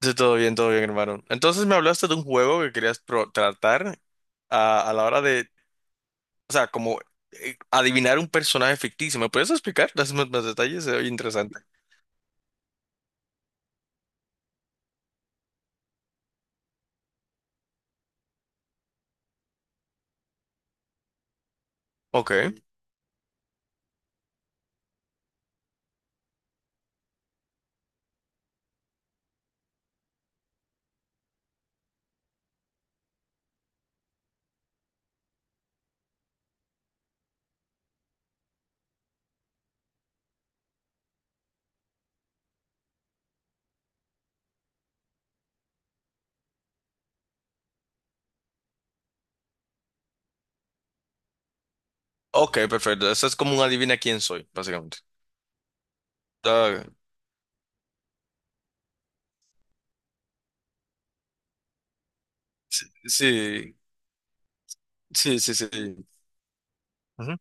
Sí, todo bien, hermano. Entonces me hablaste de un juego que querías tratar a la hora de, o sea, como adivinar un personaje ficticio. ¿Me puedes explicar? Dame más detalles, es interesante. Ok, ok, perfecto. Eso es como un adivina quién soy, básicamente. Ah, sí, sí, sí, sí. Ujú.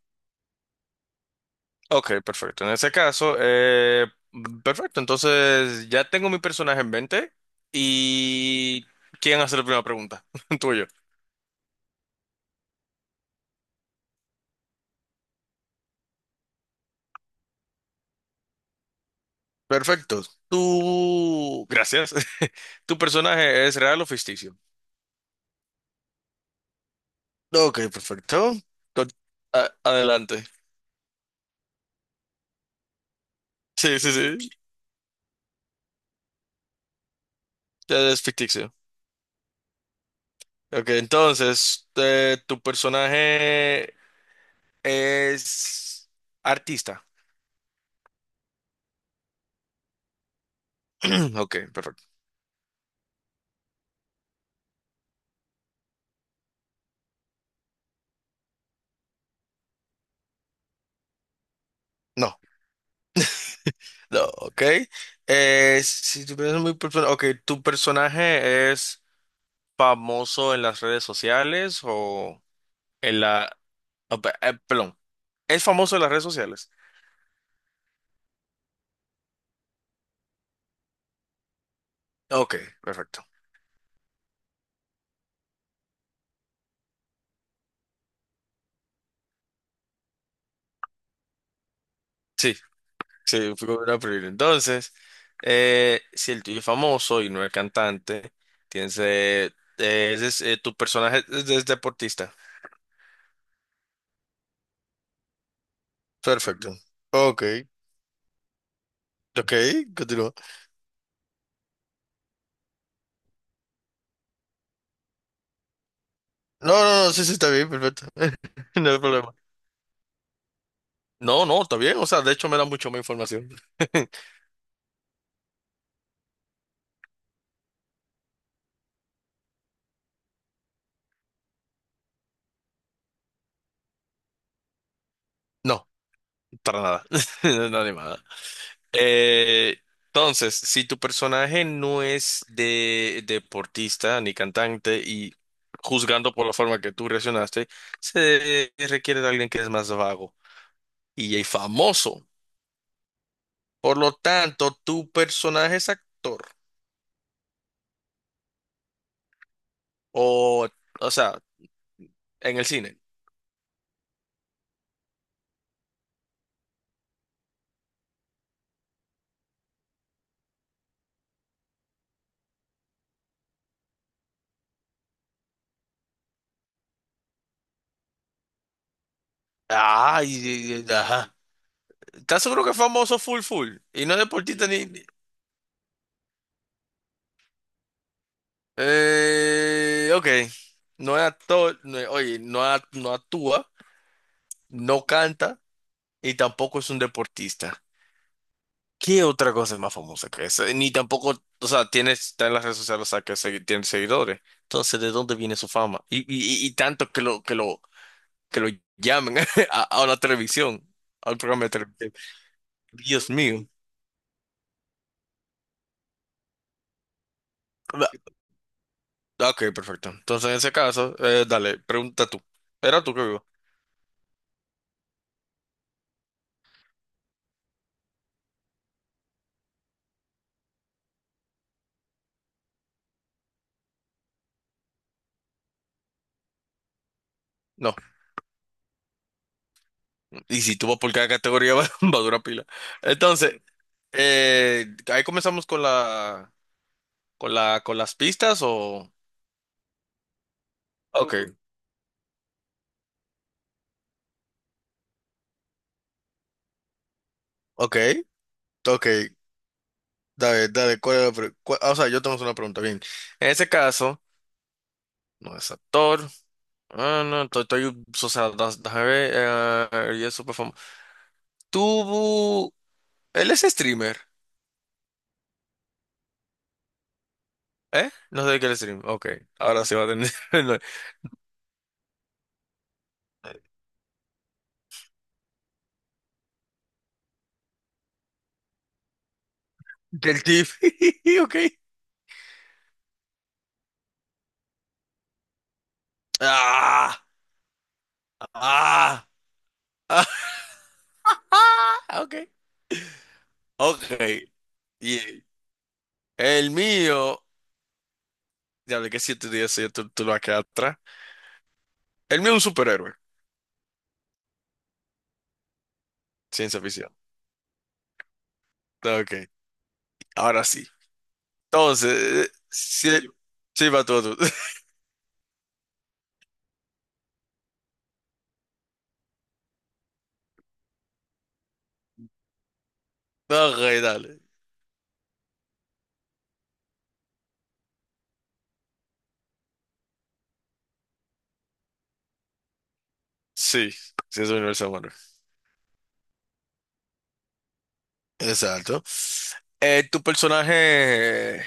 Ok, perfecto. En ese caso, perfecto. Entonces ya tengo mi personaje en mente y ¿quién hace la primera pregunta? Tuyo. Perfecto. Tú, gracias. ¿Tu personaje es real o ficticio? Ok, perfecto. Con- adelante. Sí, sí, sí. Ya es ficticio. Ok, entonces, ¿tu personaje es artista? Ok, perfecto. No, no, ok. Si tu personaje es muy ok, ¿tu personaje es famoso en las redes sociales o en la... ah, perdón, ¿es famoso en las redes sociales? Ok, perfecto. Sí, sí, fui con una prioridad. Entonces, si el tuyo es famoso y no es cantante, tienes, tu personaje es deportista. Perfecto. Ok, ok, continúa. No, no, no, sí, sí, está bien, perfecto. No hay problema. No, no, está bien. O sea, de hecho me da mucho más información. No, para nada. No, animada. Eh, entonces, si tu personaje no es de deportista ni cantante y juzgando por la forma que tú reaccionaste, se requiere de alguien que es más vago y es famoso. Por lo tanto, tu personaje es actor o, o sea, en el cine. Ah, ajá. ¿Estás seguro que es famoso full full? Y no es deportista ok. No es actor, oye, no, no actúa, no canta y tampoco es un deportista. ¿Qué otra cosa es más famosa que esa? Ni tampoco, o sea, tiene, está en las redes sociales, o sea, que tiene seguidores. Entonces, ¿de dónde viene su fama? Y tanto que lo llamen a la televisión, al programa de televisión. Dios mío. Ah, ok, perfecto. Entonces, en ese caso, dale, pregunta tú. Era tú que vivo. No, y si tú vas por cada categoría va a durar pila. Entonces, eh, ahí comenzamos con las pistas o... Ok, ok, ok. Dale, ¿cuál es la ah, o sea, yo tengo una pregunta, bien. En ese caso, no es actor. Ah, no, o sea, déjame ver, y es súper famoso. Tuvo... Él es streamer, ¿eh? No sé de qué es streamer. Ok, ahora sí va a tener... Del Tiff. Ok. Ah, ah. Ah, ok. Ok. Y el mío. Ya hablé que siete días ya tú lo vas a quedar atrás. El mío es un superhéroe. Ciencia ficción. Ok. Ahora sí. Entonces, sí, sí va todo. tú. Ok, dale. Sí. Sí, es un universo humano. Exacto. Tu personaje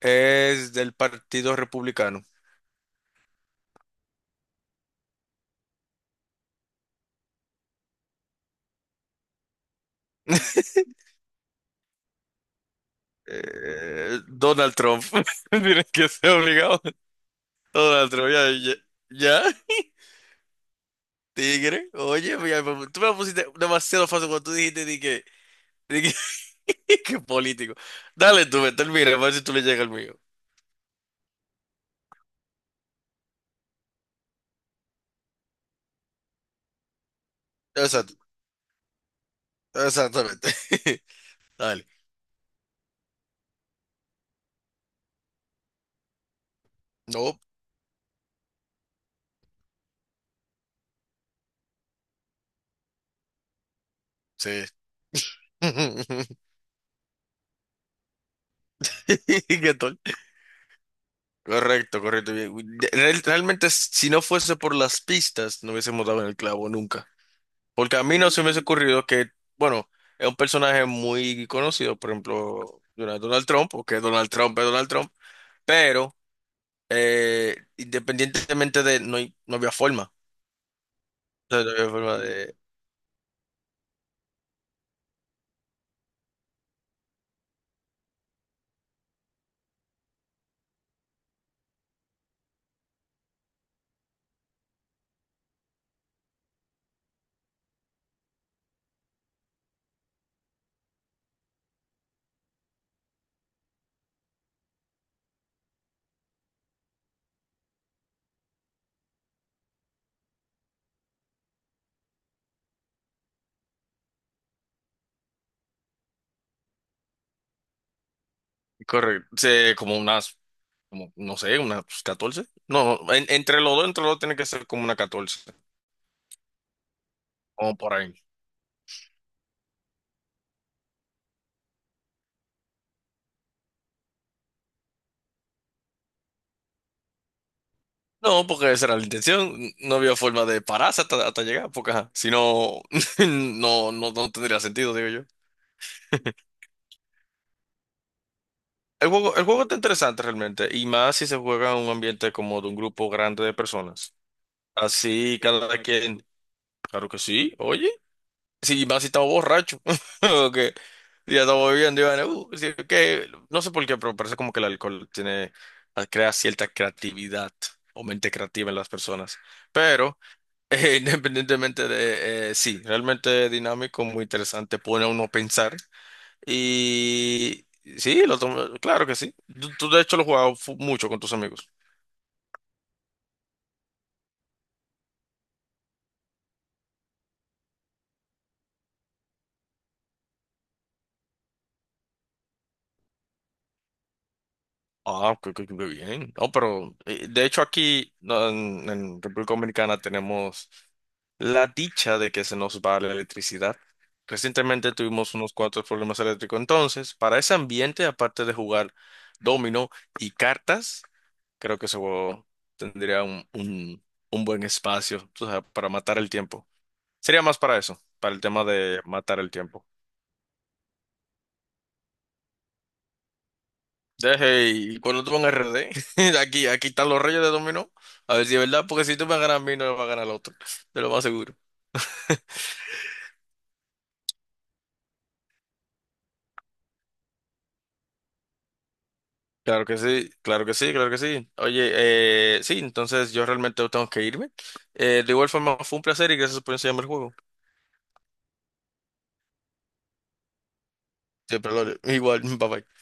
es del Partido Republicano. Donald Trump. Tienes que ser obligado. Donald Trump, ya. Tigre, oye, mira, tú me la pusiste demasiado fácil cuando tú dijiste de que, que político. Dale tú, me termina, a ver si tú le llegas al mío. Exacto, exactamente. Dale. No, sí. ¿Qué tal? Correcto, correcto, bien. Realmente, si no fuese por las pistas, no hubiésemos dado en el clavo nunca. Porque a mí no se me hubiese ocurrido que, bueno, es un personaje muy conocido, por ejemplo, Donald Trump, porque Donald Trump es Donald Trump, pero independientemente de, no, no había forma. O sea, no había forma de... Correcto. Sí, como unas, como, no sé, unas catorce. No, entre los dos tiene que ser como una catorce. Como por ahí. No, porque esa era la intención. No había forma de pararse hasta llegar, porque ajá, si no, no, no, no tendría sentido, digo yo. El juego está interesante realmente, y más si se juega en un ambiente como de un grupo grande de personas. Así cada quien. Claro que sí, oye. Sí, más si estaba borracho. o que ya estaba bebiendo y van, sí, que, no sé por qué, pero parece como que el alcohol tiene, crea cierta creatividad o mente creativa en las personas. Pero, independientemente de, sí, realmente dinámico, muy interesante, pone a uno a pensar. Y sí, claro que sí. De hecho lo jugabas mucho con tus amigos. Ah, qué bien. No, pero de hecho aquí no, en República Dominicana tenemos la dicha de que se nos va la electricidad. Recientemente tuvimos unos cuantos problemas eléctricos. Entonces, para ese ambiente, aparte de jugar dominó y cartas, creo que ese juego tendría un buen espacio, tú sabes, para matar el tiempo. Sería más para eso, para el tema de matar el tiempo. Deje, y cuando tú en RD, aquí están los reyes de dominó. A ver si es verdad, porque si tú me ganas a mí, no me va a ganar el otro. Te lo más seguro. Claro que sí, claro que sí, claro que sí. Oye, sí, entonces yo realmente tengo que irme. De igual forma, fue un placer y gracias por enseñarme el juego. Siempre lo haré. Igual, bye bye.